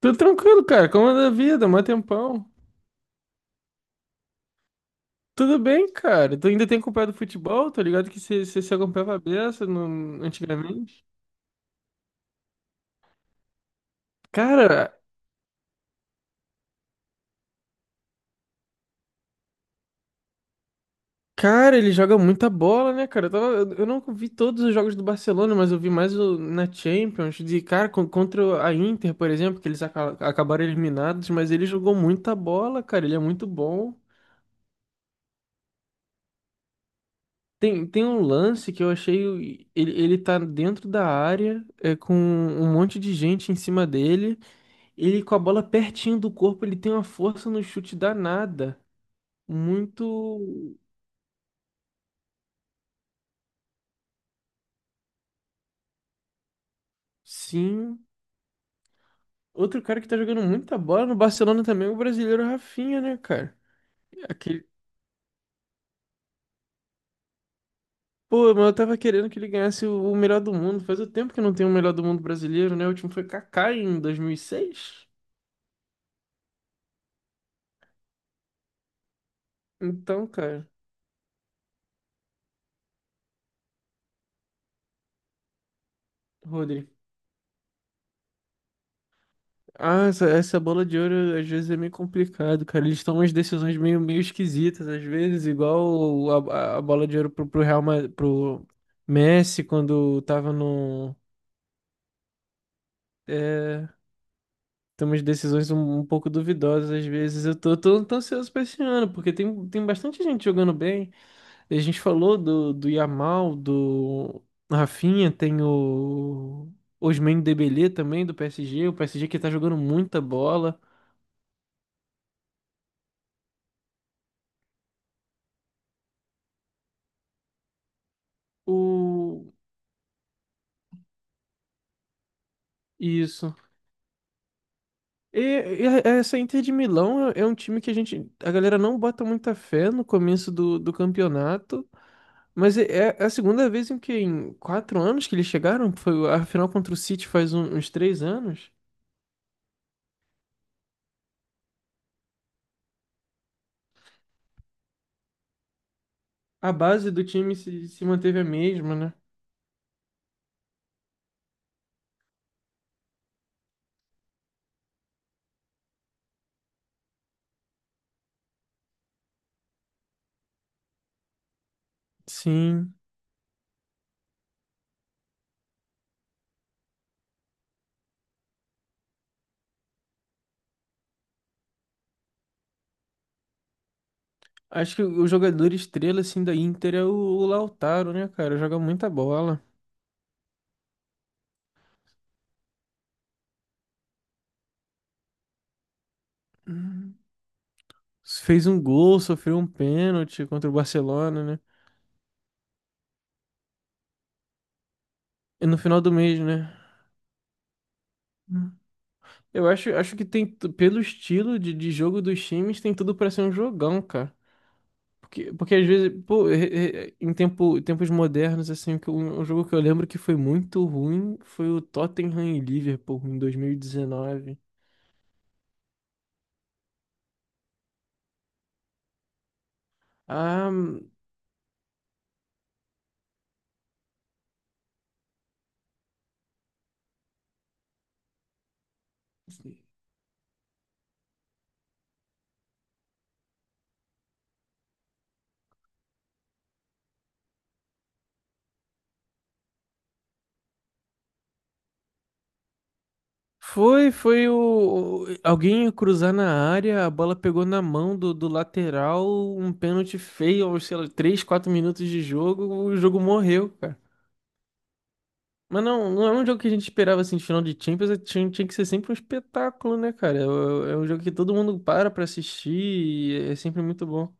Tudo tranquilo, cara. Como anda a vida? Mó tempão. Tudo bem, cara. Tu ainda tem acompanhado futebol? Tô ligado que você se acompanhava a beça antigamente. Cara, cara, ele joga muita bola, né, cara? Eu não vi todos os jogos do Barcelona, mas eu vi mais na Champions. De, cara, con- contra a Inter, por exemplo, que eles acabaram eliminados, mas ele jogou muita bola, cara. Ele é muito bom. Tem um lance que eu achei. Ele tá dentro da área, é, com um monte de gente em cima dele. Ele com a bola pertinho do corpo, ele tem uma força no chute danada. Muito. Sim. Outro cara que tá jogando muita bola no Barcelona também, é o brasileiro Rafinha, né, cara? Aquele... Pô, mas eu tava querendo que ele ganhasse o melhor do mundo. Faz o tempo que não tem o melhor do mundo brasileiro, né? O último foi Kaká em 2006. Então, cara, Rodri. Ah, essa bola de ouro às vezes é meio complicado, cara. Eles tomam umas decisões meio esquisitas, às vezes, igual a bola de ouro pro Messi quando tava no. É, tem umas decisões um pouco duvidosas, às vezes. Eu tô ansioso pra esse ano, porque tem bastante gente jogando bem. A gente falou do Yamal, do Rafinha, tem o Ousmane Dembélé também, do PSG. O PSG que tá jogando muita bola. O. Isso. E, e essa Inter de Milão é um time que a gente, a galera não bota muita fé no começo do campeonato, mas é a segunda vez em que em 4 anos que eles chegaram, foi a final contra o City faz uns 3 anos, a base do time se manteve a mesma, né? Sim, acho que o jogador estrela assim da Inter é o Lautaro, né, cara? Joga muita bola. Uhum. Fez um gol, sofreu um pênalti contra o Barcelona, né? E no final do mês, né? Eu acho que pelo estilo de jogo dos times, tem tudo pra ser um jogão, cara. Porque, às vezes, pô, em tempos modernos, assim, que um jogo que eu lembro que foi muito ruim foi o Tottenham e Liverpool em 2019. Ah, foi alguém ia cruzar na área, a bola pegou na mão do lateral, um pênalti feio, aos, sei lá, 3, 4 minutos de jogo, o jogo morreu, cara. Mas não, não é um jogo que a gente esperava assim de final de Champions, tinha que ser sempre um espetáculo, né, cara? É um jogo que todo mundo para pra assistir e é sempre muito bom.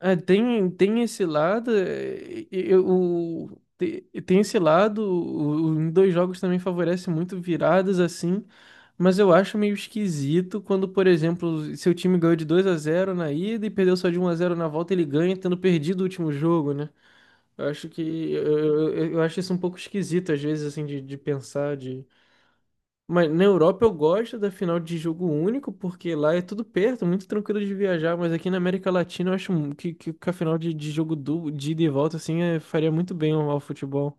É, tem esse lado, e- e- o, tem esse lado, em dois jogos também favorece muito viradas assim, mas eu acho meio esquisito quando, por exemplo, seu time ganhou de 2-0 na ida e perdeu só de 1-0 na volta, ele ganha tendo perdido o último jogo, né? Eu acho que eu acho isso um pouco esquisito às vezes assim de, pensar de. Mas na Europa eu gosto da final de jogo único porque lá é tudo perto, muito tranquilo de viajar, mas aqui na América Latina eu acho que a final de jogo de ida e volta assim faria muito bem ao futebol.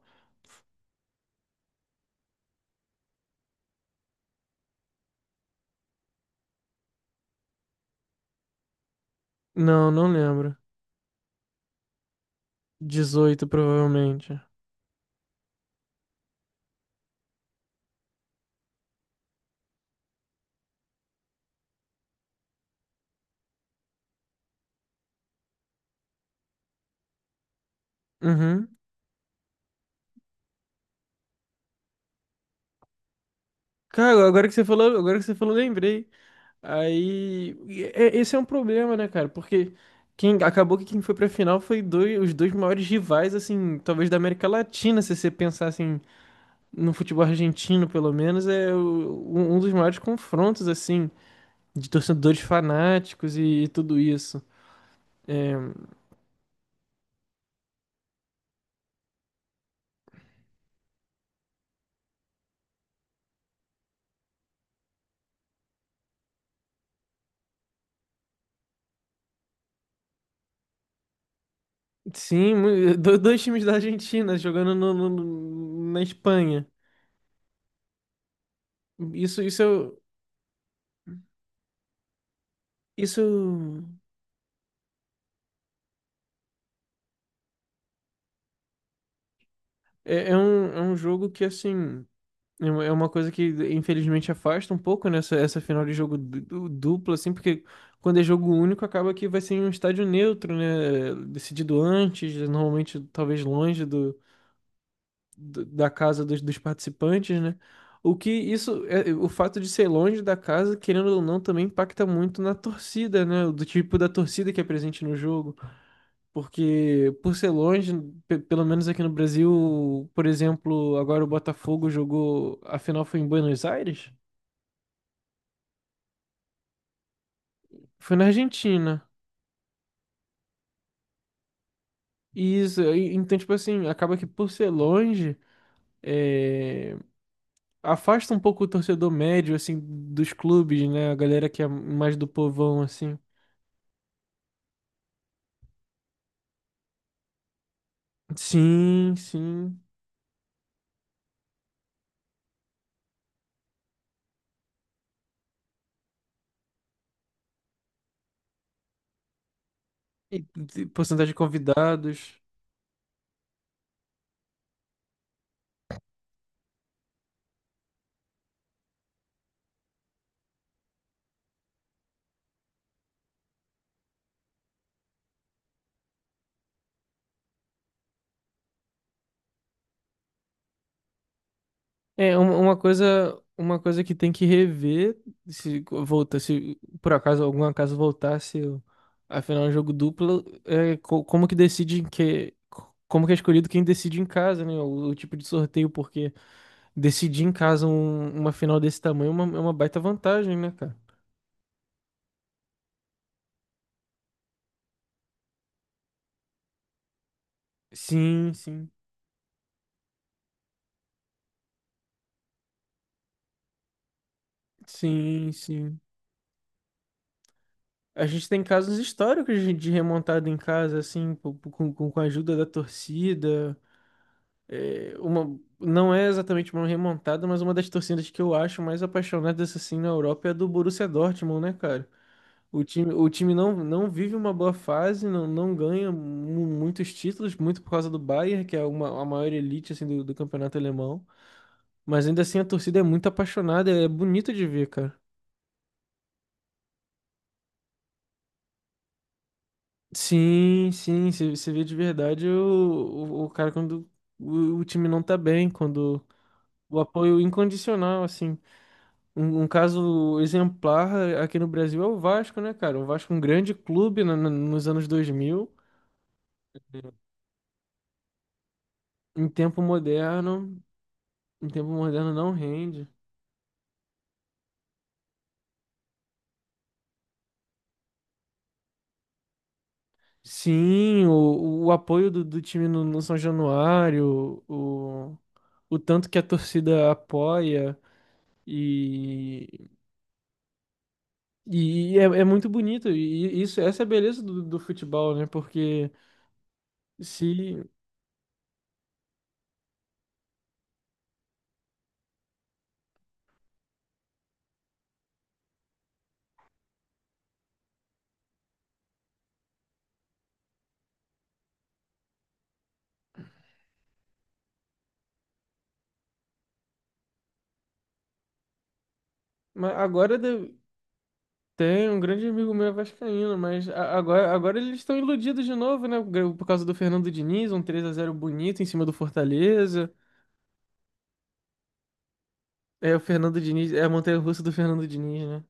Não, não lembro. Dezoito provavelmente. Uhum. Cara, agora que você falou, lembrei. Aí, esse é um problema, né, cara? Porque quem acabou que quem foi pra final os dois maiores rivais, assim, talvez da América Latina, se você pensar assim, no futebol argentino, pelo menos, um dos maiores confrontos, assim, de torcedores fanáticos e, tudo isso. É, sim, dois times da Argentina jogando na Espanha. Isso, isso é um jogo que, assim. É uma coisa que, infelizmente, afasta um pouco, essa final de jogo duplo, assim, porque quando é jogo único, acaba que vai ser em um estádio neutro, né? Decidido antes, normalmente, talvez longe da casa dos participantes, né? O que isso, é, o fato de ser longe da casa, querendo ou não, também impacta muito na torcida, né? Do tipo da torcida que é presente no jogo. Porque, por ser longe, pelo menos aqui no Brasil, por exemplo, agora o Botafogo jogou. A final foi em Buenos Aires? Foi na Argentina. E isso, então, tipo assim, acaba que por ser longe, é, afasta um pouco o torcedor médio, assim, dos clubes, né? A galera que é mais do povão, assim. Sim, sim. E, e porcentagem de convidados. É uma coisa que tem que rever se volta, se por acaso algum acaso voltasse a final de jogo duplo, como que decide em que como que é escolhido quem decide em casa, né? O tipo de sorteio, porque decidir em casa uma final desse tamanho é uma baita vantagem, né, cara? Sim, sim, sim, sim. A gente tem casos históricos de remontada em casa, assim, com a ajuda da torcida. Não é exatamente uma remontada, mas uma das torcidas que eu acho mais apaixonadas assim na Europa é a do Borussia Dortmund, né, cara? O time não, não vive uma boa fase, não, não ganha muitos títulos, muito por causa do Bayern, que é a maior elite assim, do campeonato alemão. Mas ainda assim a torcida é muito apaixonada, é bonito de ver, cara. Sim, sim, você vê de verdade o cara quando o time não tá bem, quando o apoio incondicional, assim. Um caso exemplar aqui no Brasil é o Vasco, né, cara? O Vasco, é um grande clube nos anos 2000. Em tempo moderno, em tempo moderno não rende. Sim, o apoio do time no São Januário, o tanto que a torcida apoia e, e é muito bonito. E isso, essa é a beleza do futebol, né? Porque se mas agora Tem um grande amigo meu é vascaíno, mas agora eles estão iludidos de novo, né? Por causa do Fernando Diniz, um 3-0 bonito em cima do Fortaleza. É o Fernando Diniz, é a montanha-russa do Fernando Diniz, né?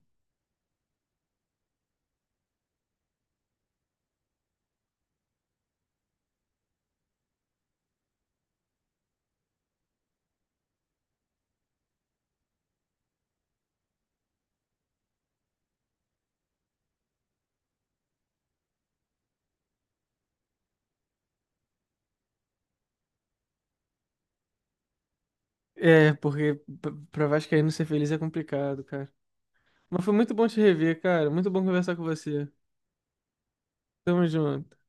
É, porque pra vascaíno ser feliz é complicado, cara. Mas foi muito bom te rever, cara. Muito bom conversar com você. Tamo junto.